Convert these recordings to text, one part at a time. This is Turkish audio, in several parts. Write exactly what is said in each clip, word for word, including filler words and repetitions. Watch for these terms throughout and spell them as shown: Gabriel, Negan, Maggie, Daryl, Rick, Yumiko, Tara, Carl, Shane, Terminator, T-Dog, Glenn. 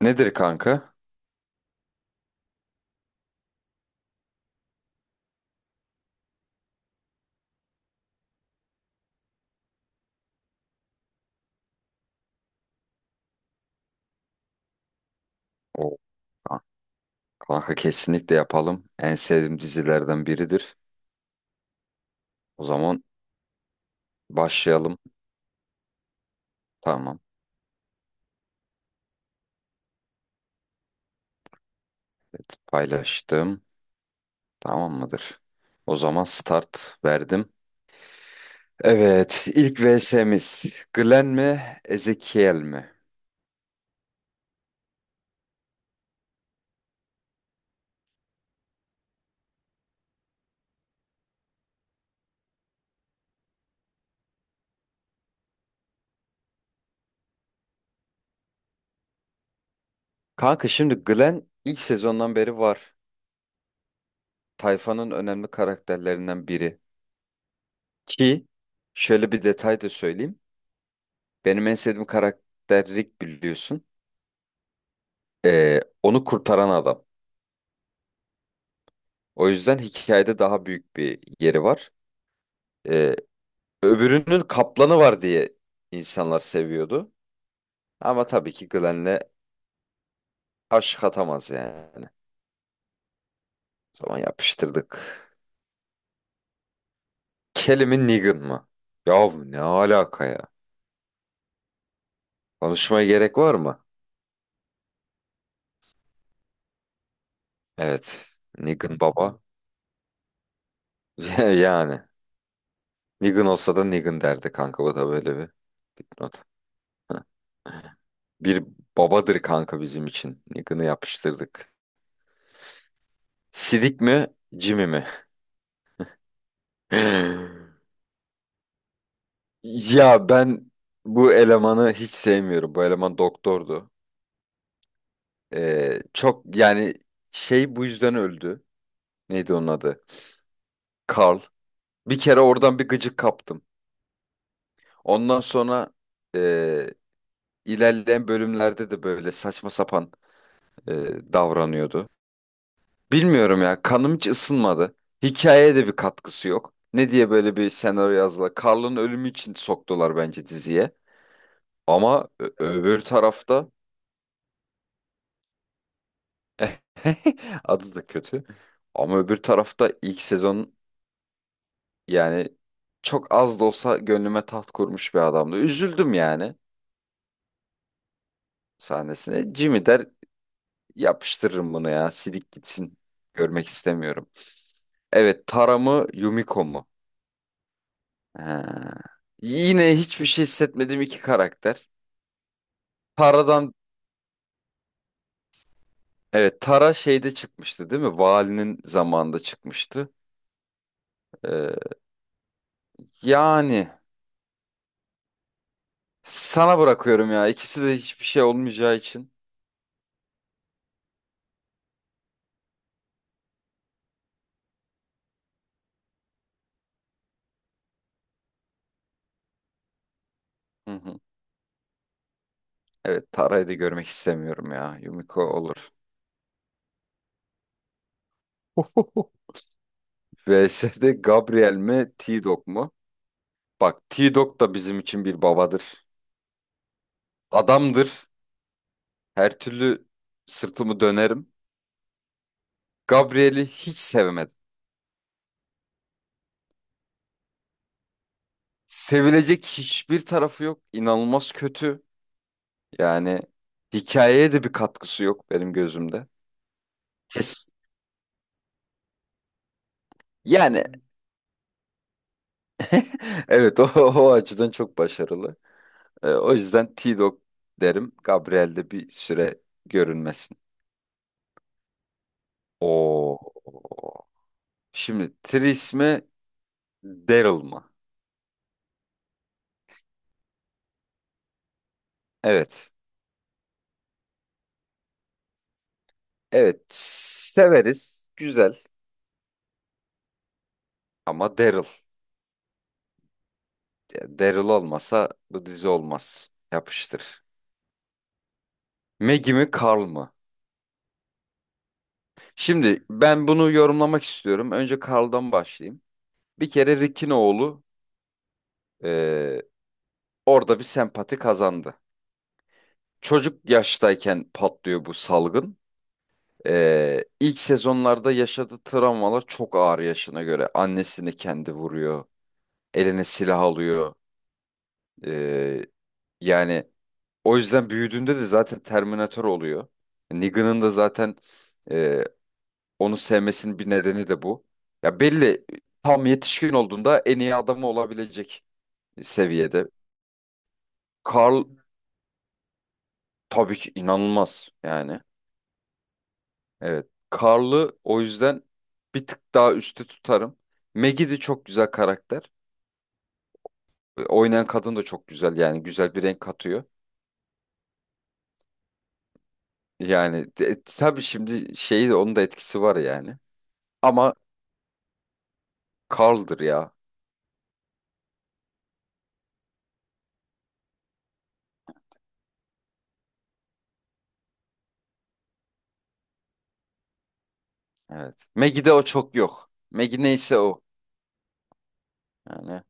Nedir kanka? O Kanka kesinlikle yapalım. En sevdiğim dizilerden biridir. O zaman başlayalım. Tamam. Evet, paylaştım. Tamam mıdır? O zaman start verdim. Evet, ilk V S'miz Glenn mi, Ezekiel mi? Kanka şimdi Glenn ilk sezondan beri var. Tayfanın önemli karakterlerinden biri. Ki şöyle bir detay da söyleyeyim. Benim en sevdiğim karakter Rick biliyorsun. Ee, onu kurtaran adam. O yüzden hikayede daha büyük bir yeri var. Ee, Öbürünün kaplanı var diye insanlar seviyordu. Ama tabii ki Glenn'le aşk atamaz yani. O zaman yapıştırdık. Kelly mi Negan mı? Yahu ne alaka ya? Konuşmaya gerek var mı? Evet. Negan baba. Yani. Negan olsa da Negan derdi kanka. Bu da böyle bir dipnot. Bir babadır kanka bizim için. Negan'ı yapıştırdık. Sidik mi? Jimmy mi? Ya ben bu elemanı hiç sevmiyorum. Bu eleman doktordu. Ee, çok yani şey bu yüzden öldü. Neydi onun adı? Carl. Bir kere oradan bir gıcık kaptım. Ondan sonra e, ilerleyen bölümlerde de böyle saçma sapan e, davranıyordu. Bilmiyorum ya kanım hiç ısınmadı. Hikayeye de bir katkısı yok. Ne diye böyle bir senaryo yazdılar. Carl'ın ölümü için soktular bence diziye. Ama ö- öbür tarafta Adı da kötü. Ama öbür tarafta ilk sezon yani çok az da olsa gönlüme taht kurmuş bir adamdı. Üzüldüm yani sahnesine. Jimmy der yapıştırırım bunu ya. Sidik gitsin. Görmek istemiyorum. Evet, Tara mı Yumiko mu? Ha. Yine hiçbir şey hissetmediğim iki karakter. Tara'dan evet Tara şeyde çıkmıştı değil mi? Valinin zamanında çıkmıştı. Ee, Yani sana bırakıyorum ya. İkisi de hiçbir şey olmayacağı için. Hı hı. Evet, Tara'yı da görmek istemiyorum ya. Yumiko olur. V S'de Gabriel mi T-Dog mu? Bak T-Dog da bizim için bir babadır. Adamdır. Her türlü sırtımı dönerim. Gabriel'i hiç sevemedim. Sevilecek hiçbir tarafı yok. İnanılmaz kötü. Yani hikayeye de bir katkısı yok benim gözümde. Kes. Yani evet o, o açıdan çok başarılı. Ee, o yüzden T-Dog derim. Gabriel bir süre görünmesin. O şimdi Tris mi Daryl mı? Evet. Evet severiz. Güzel ama Daryl. Ya Daryl olmasa bu dizi olmaz. Yapıştır. Maggie mi Carl mı? Şimdi ben bunu yorumlamak istiyorum. Önce Carl'dan başlayayım. Bir kere Rick'in oğlu eee, orada bir sempati kazandı. Çocuk yaştayken patlıyor bu salgın. Eee ilk sezonlarda yaşadığı travmalar çok ağır yaşına göre. Annesini kendi vuruyor. Eline silah alıyor. Ee, Yani o yüzden büyüdüğünde de zaten Terminator oluyor. Negan'ın da zaten e, onu sevmesinin bir nedeni de bu. Ya belli tam yetişkin olduğunda en iyi adamı olabilecek seviyede. Carl tabii ki inanılmaz yani. Evet. Carl'ı o yüzden bir tık daha üstte tutarım. Maggie de çok güzel karakter. Oynayan kadın da çok güzel yani güzel bir renk katıyor. Yani de- tabii şimdi şeyi onun da etkisi var yani. Ama Carl'dır ya. Evet. Maggie'de o çok yok. Maggie neyse o. Yani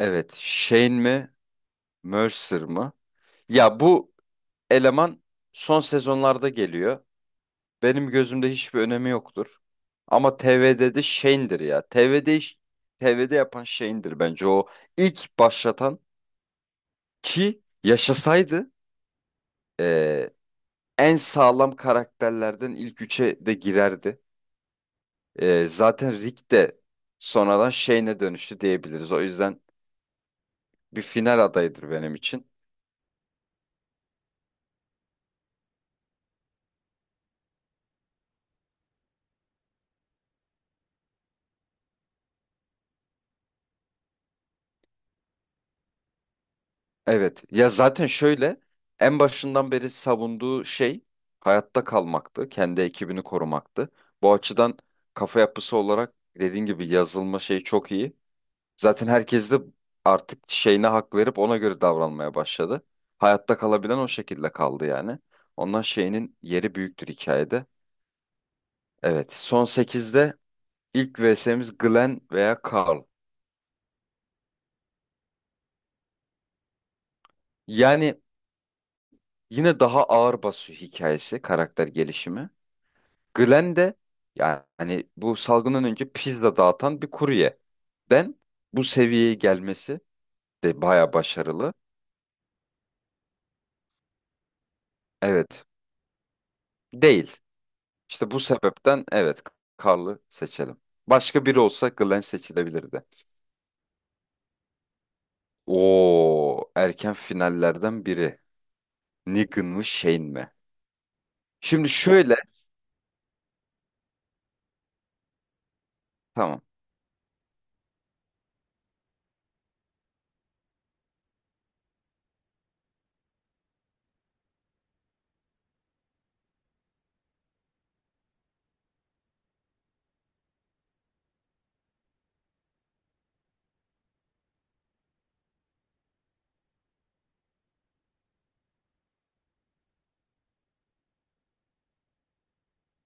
evet. Shane mi? Mercer mı? Ya bu eleman son sezonlarda geliyor. Benim gözümde hiçbir önemi yoktur. Ama T V'de de Shane'dir ya. T V'de iş- T V'de yapan Shane'dir bence o ilk başlatan ki yaşasaydı eee, en sağlam karakterlerden ilk üçe de girerdi. Ee, zaten Rick de sonradan şeyine dönüştü diyebiliriz. O yüzden bir final adayıdır benim için. Evet. Ya zaten şöyle en başından beri savunduğu şey hayatta kalmaktı. Kendi ekibini korumaktı. Bu açıdan kafa yapısı olarak dediğin gibi yazılma şeyi çok iyi. Zaten herkes de artık şeyine hak verip ona göre davranmaya başladı. Hayatta kalabilen o şekilde kaldı yani. Ondan şeyinin yeri büyüktür hikayede. Evet. Son sekizde. İlk vs'miz Glenn veya Carl. Yani yine daha ağır basıyor hikayesi, karakter gelişimi. Glenn de yani bu salgından önce pizza dağıtan bir kuryeden bu seviyeye gelmesi de baya başarılı. Evet, değil. İşte bu sebepten evet Carl'ı seçelim. Başka biri olsa Glenn seçilebilirdi. Oo, erken finallerden biri. Negan mı Shane mi? Şimdi şöyle, tamam.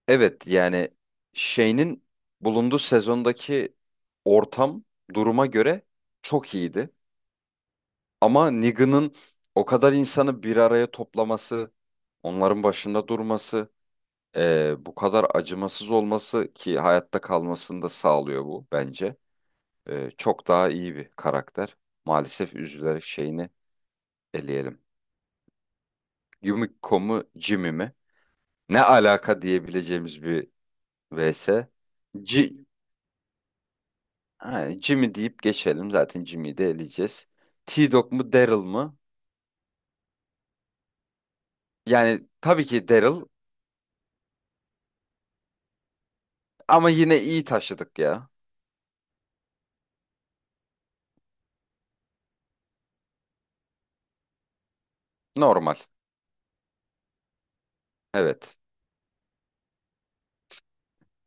Evet yani şeyinin bulunduğu sezondaki ortam duruma göre çok iyiydi. Ama Negan'ın o kadar insanı bir araya toplaması, onların başında durması, eee, bu kadar acımasız olması ki hayatta kalmasını da sağlıyor bu bence. Eee, çok daha iyi bir karakter. Maalesef üzülerek şeyini eleyelim. Yumiko mu Jimmy mi? Ne alaka diyebileceğimiz bir V S. Ha, Jimmy deyip geçelim. Zaten Jimmy'yi de eleyeceğiz. T-Dog mu Daryl mı? Yani tabii ki Daryl ama yine iyi taşıdık ya. Normal. Evet.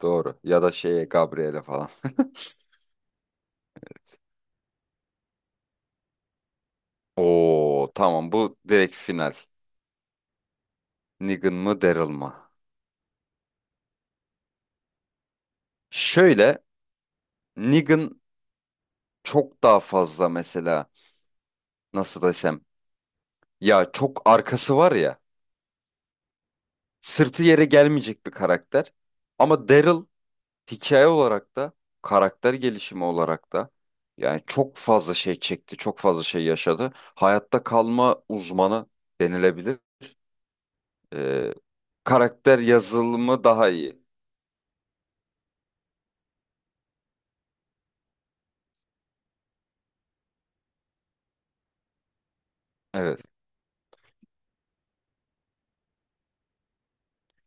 Doğru. Ya da şeye Gabriel'e falan. Oo tamam bu direkt final. Negan mı Daryl mı? Şöyle Negan çok daha fazla mesela nasıl desem ya çok arkası var ya sırtı yere gelmeyecek bir karakter. Ama Daryl hikaye olarak da karakter gelişimi olarak da yani çok fazla şey çekti, çok fazla şey yaşadı. Hayatta kalma uzmanı denilebilir. Ee, Karakter yazılımı daha iyi. Evet.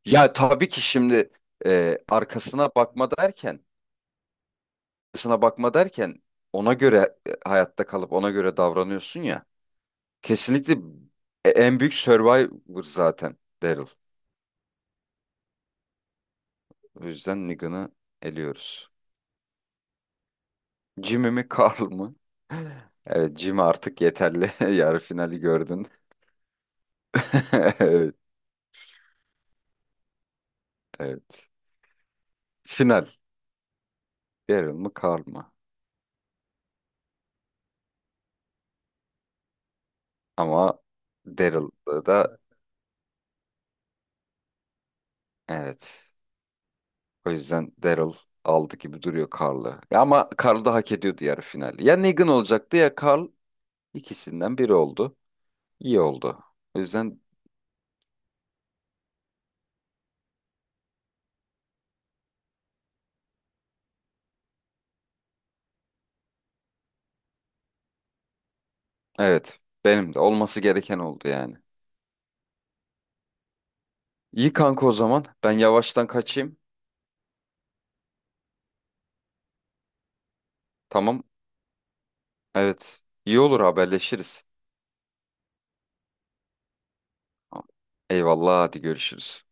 Ya tabii ki şimdi e, arkasına bakma derken, arkasına bakma derken ona göre e, hayatta kalıp ona göre davranıyorsun ya. Kesinlikle e- en büyük survivor zaten Daryl. O yüzden Negan'ı eliyoruz. Jimmy mi Carl mı? Evet Jimmy artık yeterli. Yarı finali gördün. Evet, evet. Final. Daryl mı Carl mı? Ama Daryl'da da evet. O yüzden Daryl aldı gibi duruyor Carl'ı. Ya ama Carl da hak ediyordu yarı finali. Ya Negan olacaktı ya Carl. İkisinden biri oldu. İyi oldu. O yüzden evet. Benim de olması gereken oldu yani. İyi kanka o zaman. Ben yavaştan kaçayım. Tamam. Evet. İyi olur haberleşiriz. Tamam. Eyvallah hadi görüşürüz.